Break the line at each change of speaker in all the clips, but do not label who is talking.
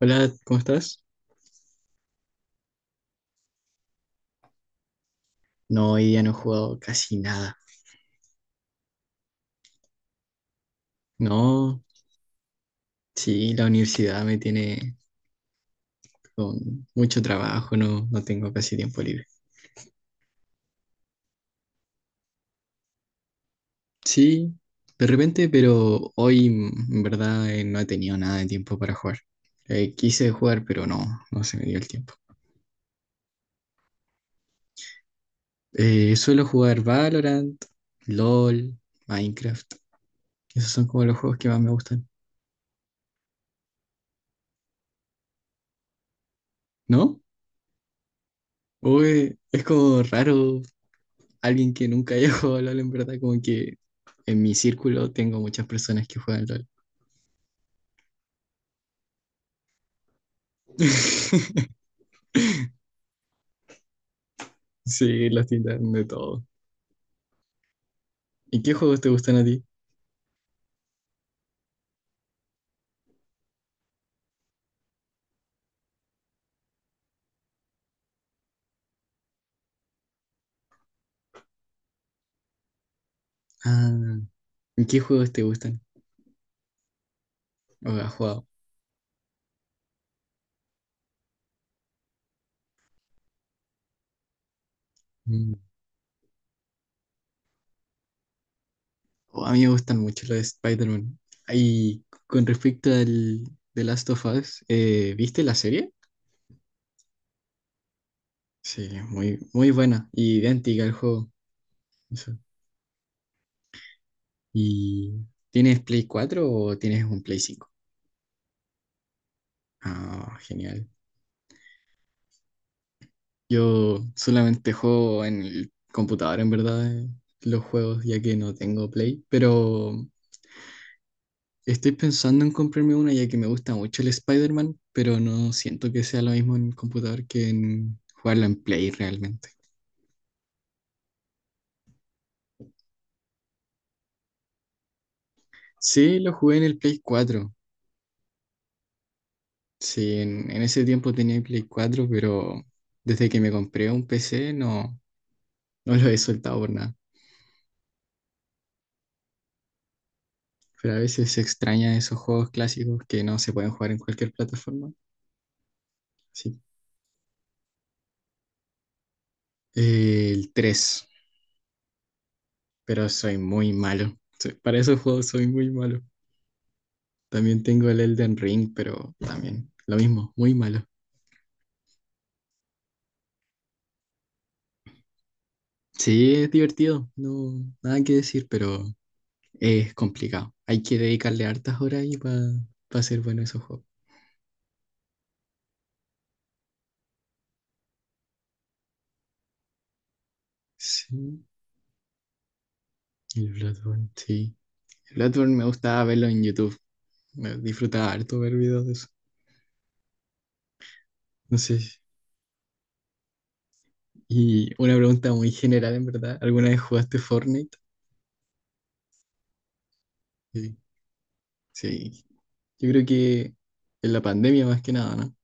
Hola, ¿cómo estás? No, hoy día no he jugado casi nada. No, sí, la universidad me tiene con mucho trabajo. No, no tengo casi tiempo libre. Sí, de repente, pero hoy en verdad, no he tenido nada de tiempo para jugar. Quise jugar, pero no, no se me dio el tiempo. Suelo jugar Valorant, LOL, Minecraft. Esos son como los juegos que más me gustan. ¿No? Uy, es como raro alguien que nunca haya jugado LOL, en verdad, como que en mi círculo tengo muchas personas que juegan LOL. Sí, las tiendas de todo. ¿Y qué juegos te gustan a ti? Ah, ¿y qué juegos te gustan? ¿O has jugado? Mm. Oh, a mí me gustan mucho los de Spider-Man. Y con respecto al The Last of Us, ¿viste la serie? Sí, muy buena. Y idéntica al juego. Eso. ¿Y tienes Play 4 o tienes un Play cinco? Ah, genial. Yo solamente juego en el computador, en verdad, los juegos, ya que no tengo Play. Pero estoy pensando en comprarme una, ya que me gusta mucho el Spider-Man, pero no siento que sea lo mismo en computador que en jugarlo en Play realmente. Sí, lo jugué en el Play cuatro. Sí, en ese tiempo tenía el Play cuatro, pero desde que me compré un PC no, no lo he soltado por nada. Pero a veces se extraña esos juegos clásicos que no se pueden jugar en cualquier plataforma. Así. El 3, pero soy muy malo. Soy- Para esos juegos soy muy malo. También tengo el Elden Ring, pero también lo mismo, muy malo. Sí, es divertido, no, nada que decir, pero es complicado. Hay que dedicarle hartas horas ahí para ser bueno esos juegos. Sí, sí. El Bloodborne me gustaba verlo en YouTube. Me disfrutaba harto ver videos de eso. No sé. Y una pregunta muy general, en verdad. ¿Alguna vez jugaste Fortnite? Sí. Sí, yo creo que en la pandemia más que nada, ¿no?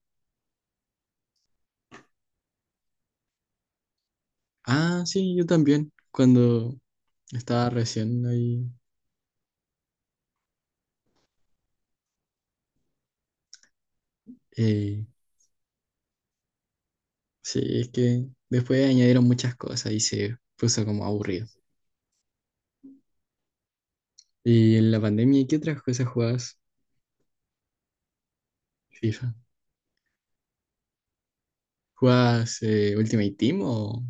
Ah, sí, yo también, cuando estaba recién ahí. eh, sí, es que después añadieron muchas cosas y se puso como aburrido. ¿Y en la pandemia qué otras cosas jugabas? ¿FIFA? ¿Jugabas Ultimate Team o...?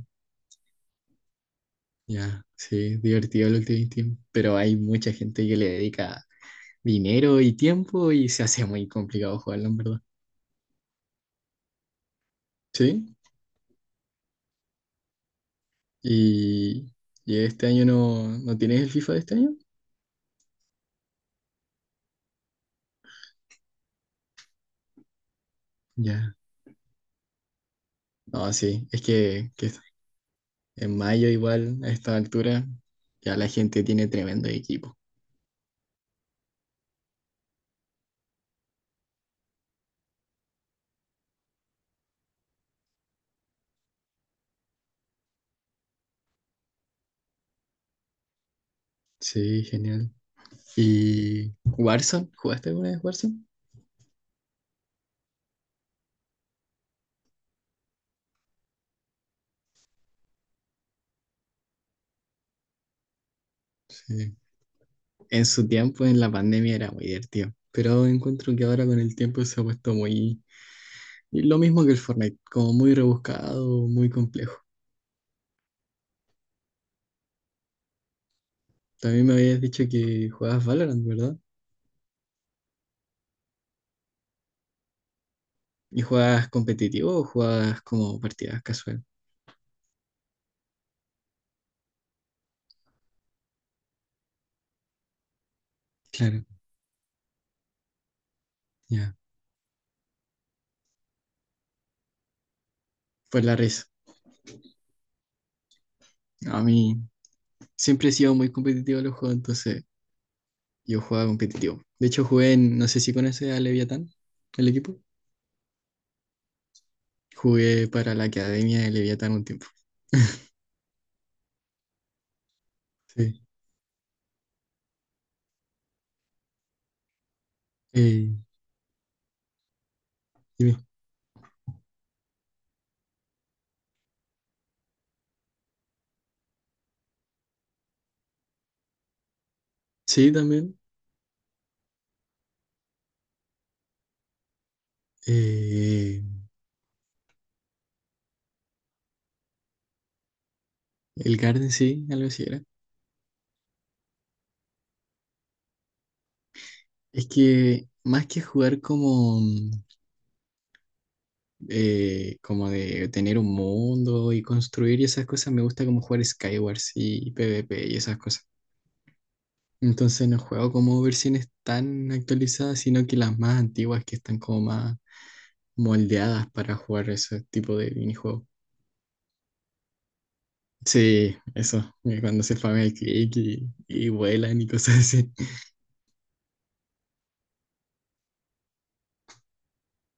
Ya, sí, divertido el Ultimate Team, pero hay mucha gente que le dedica dinero y tiempo y se hace muy complicado jugarlo, en verdad. ¿Sí? ¿Y, y este año no, no tienes el FIFA de este año? Ya, no, sí, que en mayo igual a esta altura ya la gente tiene tremendo equipo. Sí, genial. ¿Y Warzone? ¿Jugaste alguna vez Warzone? Sí. En su tiempo, en la pandemia, era muy divertido, pero encuentro que ahora con el tiempo se ha puesto muy... Lo mismo que el Fortnite, como muy rebuscado, muy complejo. También me habías dicho que jugabas Valorant, ¿verdad? ¿Y jugabas competitivo o jugabas como partidas casual? Claro, ya. Pues la risa. A mí, siempre he sido muy competitivo en los juegos, entonces yo jugaba competitivo. De hecho, jugué en, no sé si conoces a Leviatán, el equipo. Jugué para la academia de Leviatán un tiempo. Sí. Eh, Dime. Sí, también. eh, el Garden sí, algo así era. Es que más que jugar como, como de tener un mundo y construir y esas cosas, me gusta como jugar Skywars y PvP y esas cosas. Entonces no juego como versiones tan actualizadas, sino que las más antiguas que están como más moldeadas para jugar ese tipo de minijuegos. Sí, eso, cuando se farmea el click y vuelan y cosas así.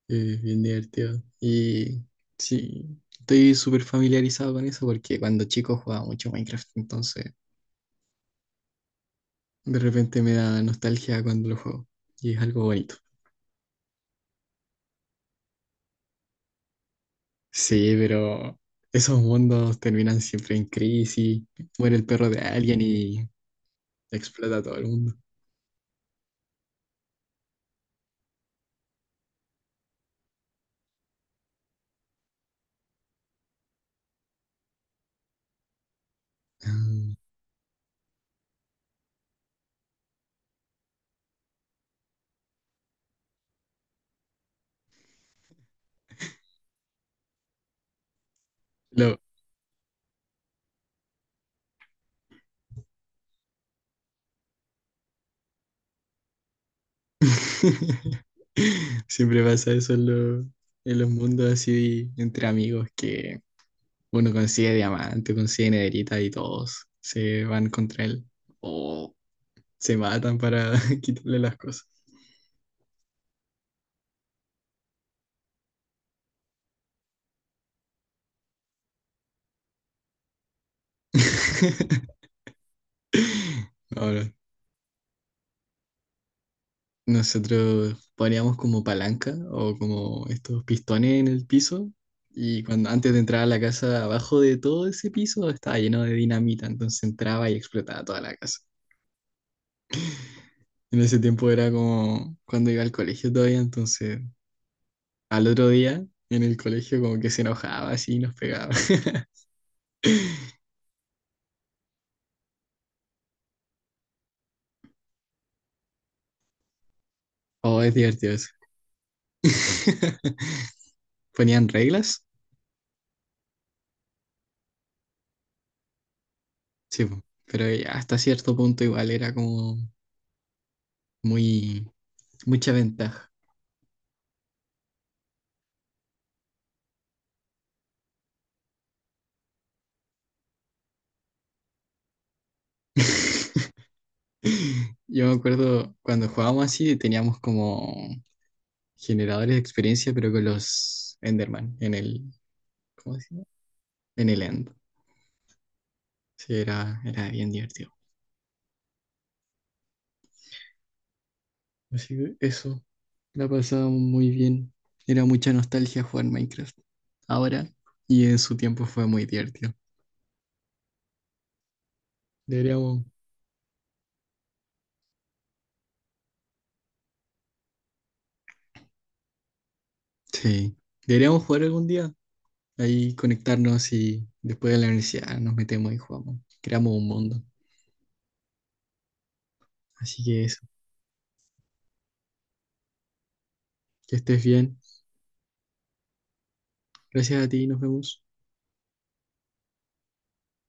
Bien divertido. Y sí, estoy súper familiarizado con eso porque cuando chico jugaba mucho Minecraft, entonces de repente me da nostalgia cuando lo juego. Y es algo bonito. Sí, pero esos mundos terminan siempre en crisis. Muere el perro de alguien y explota a todo el mundo. Mm, Lo... Siempre pasa eso en, en los mundos así entre amigos, que uno consigue diamante, consigue nederita y todos se van contra él o se matan para quitarle las cosas. No, no, nosotros poníamos como palanca o como estos pistones en el piso, y cuando antes de entrar a la casa, abajo de todo ese piso estaba lleno de dinamita, entonces entraba y explotaba toda la casa. En ese tiempo era como cuando iba al colegio todavía, entonces al otro día en el colegio como que se enojaba así y nos pegaba. Oh, es divertido eso. ¿Ponían reglas? Sí, po, pero hasta cierto punto igual era como muy mucha ventaja. Yo me acuerdo cuando jugábamos así, teníamos como generadores de experiencia, pero con los Enderman en el, ¿cómo se llama? En el End. Sí, era bien divertido. Así que eso, la pasábamos muy bien. Era mucha nostalgia jugar Minecraft ahora, y en su tiempo fue muy divertido. Deberíamos, sí, deberíamos jugar algún día. Ahí conectarnos y después de la universidad nos metemos y jugamos. Creamos un mundo. Así que eso, que estés bien. Gracias a ti, nos vemos.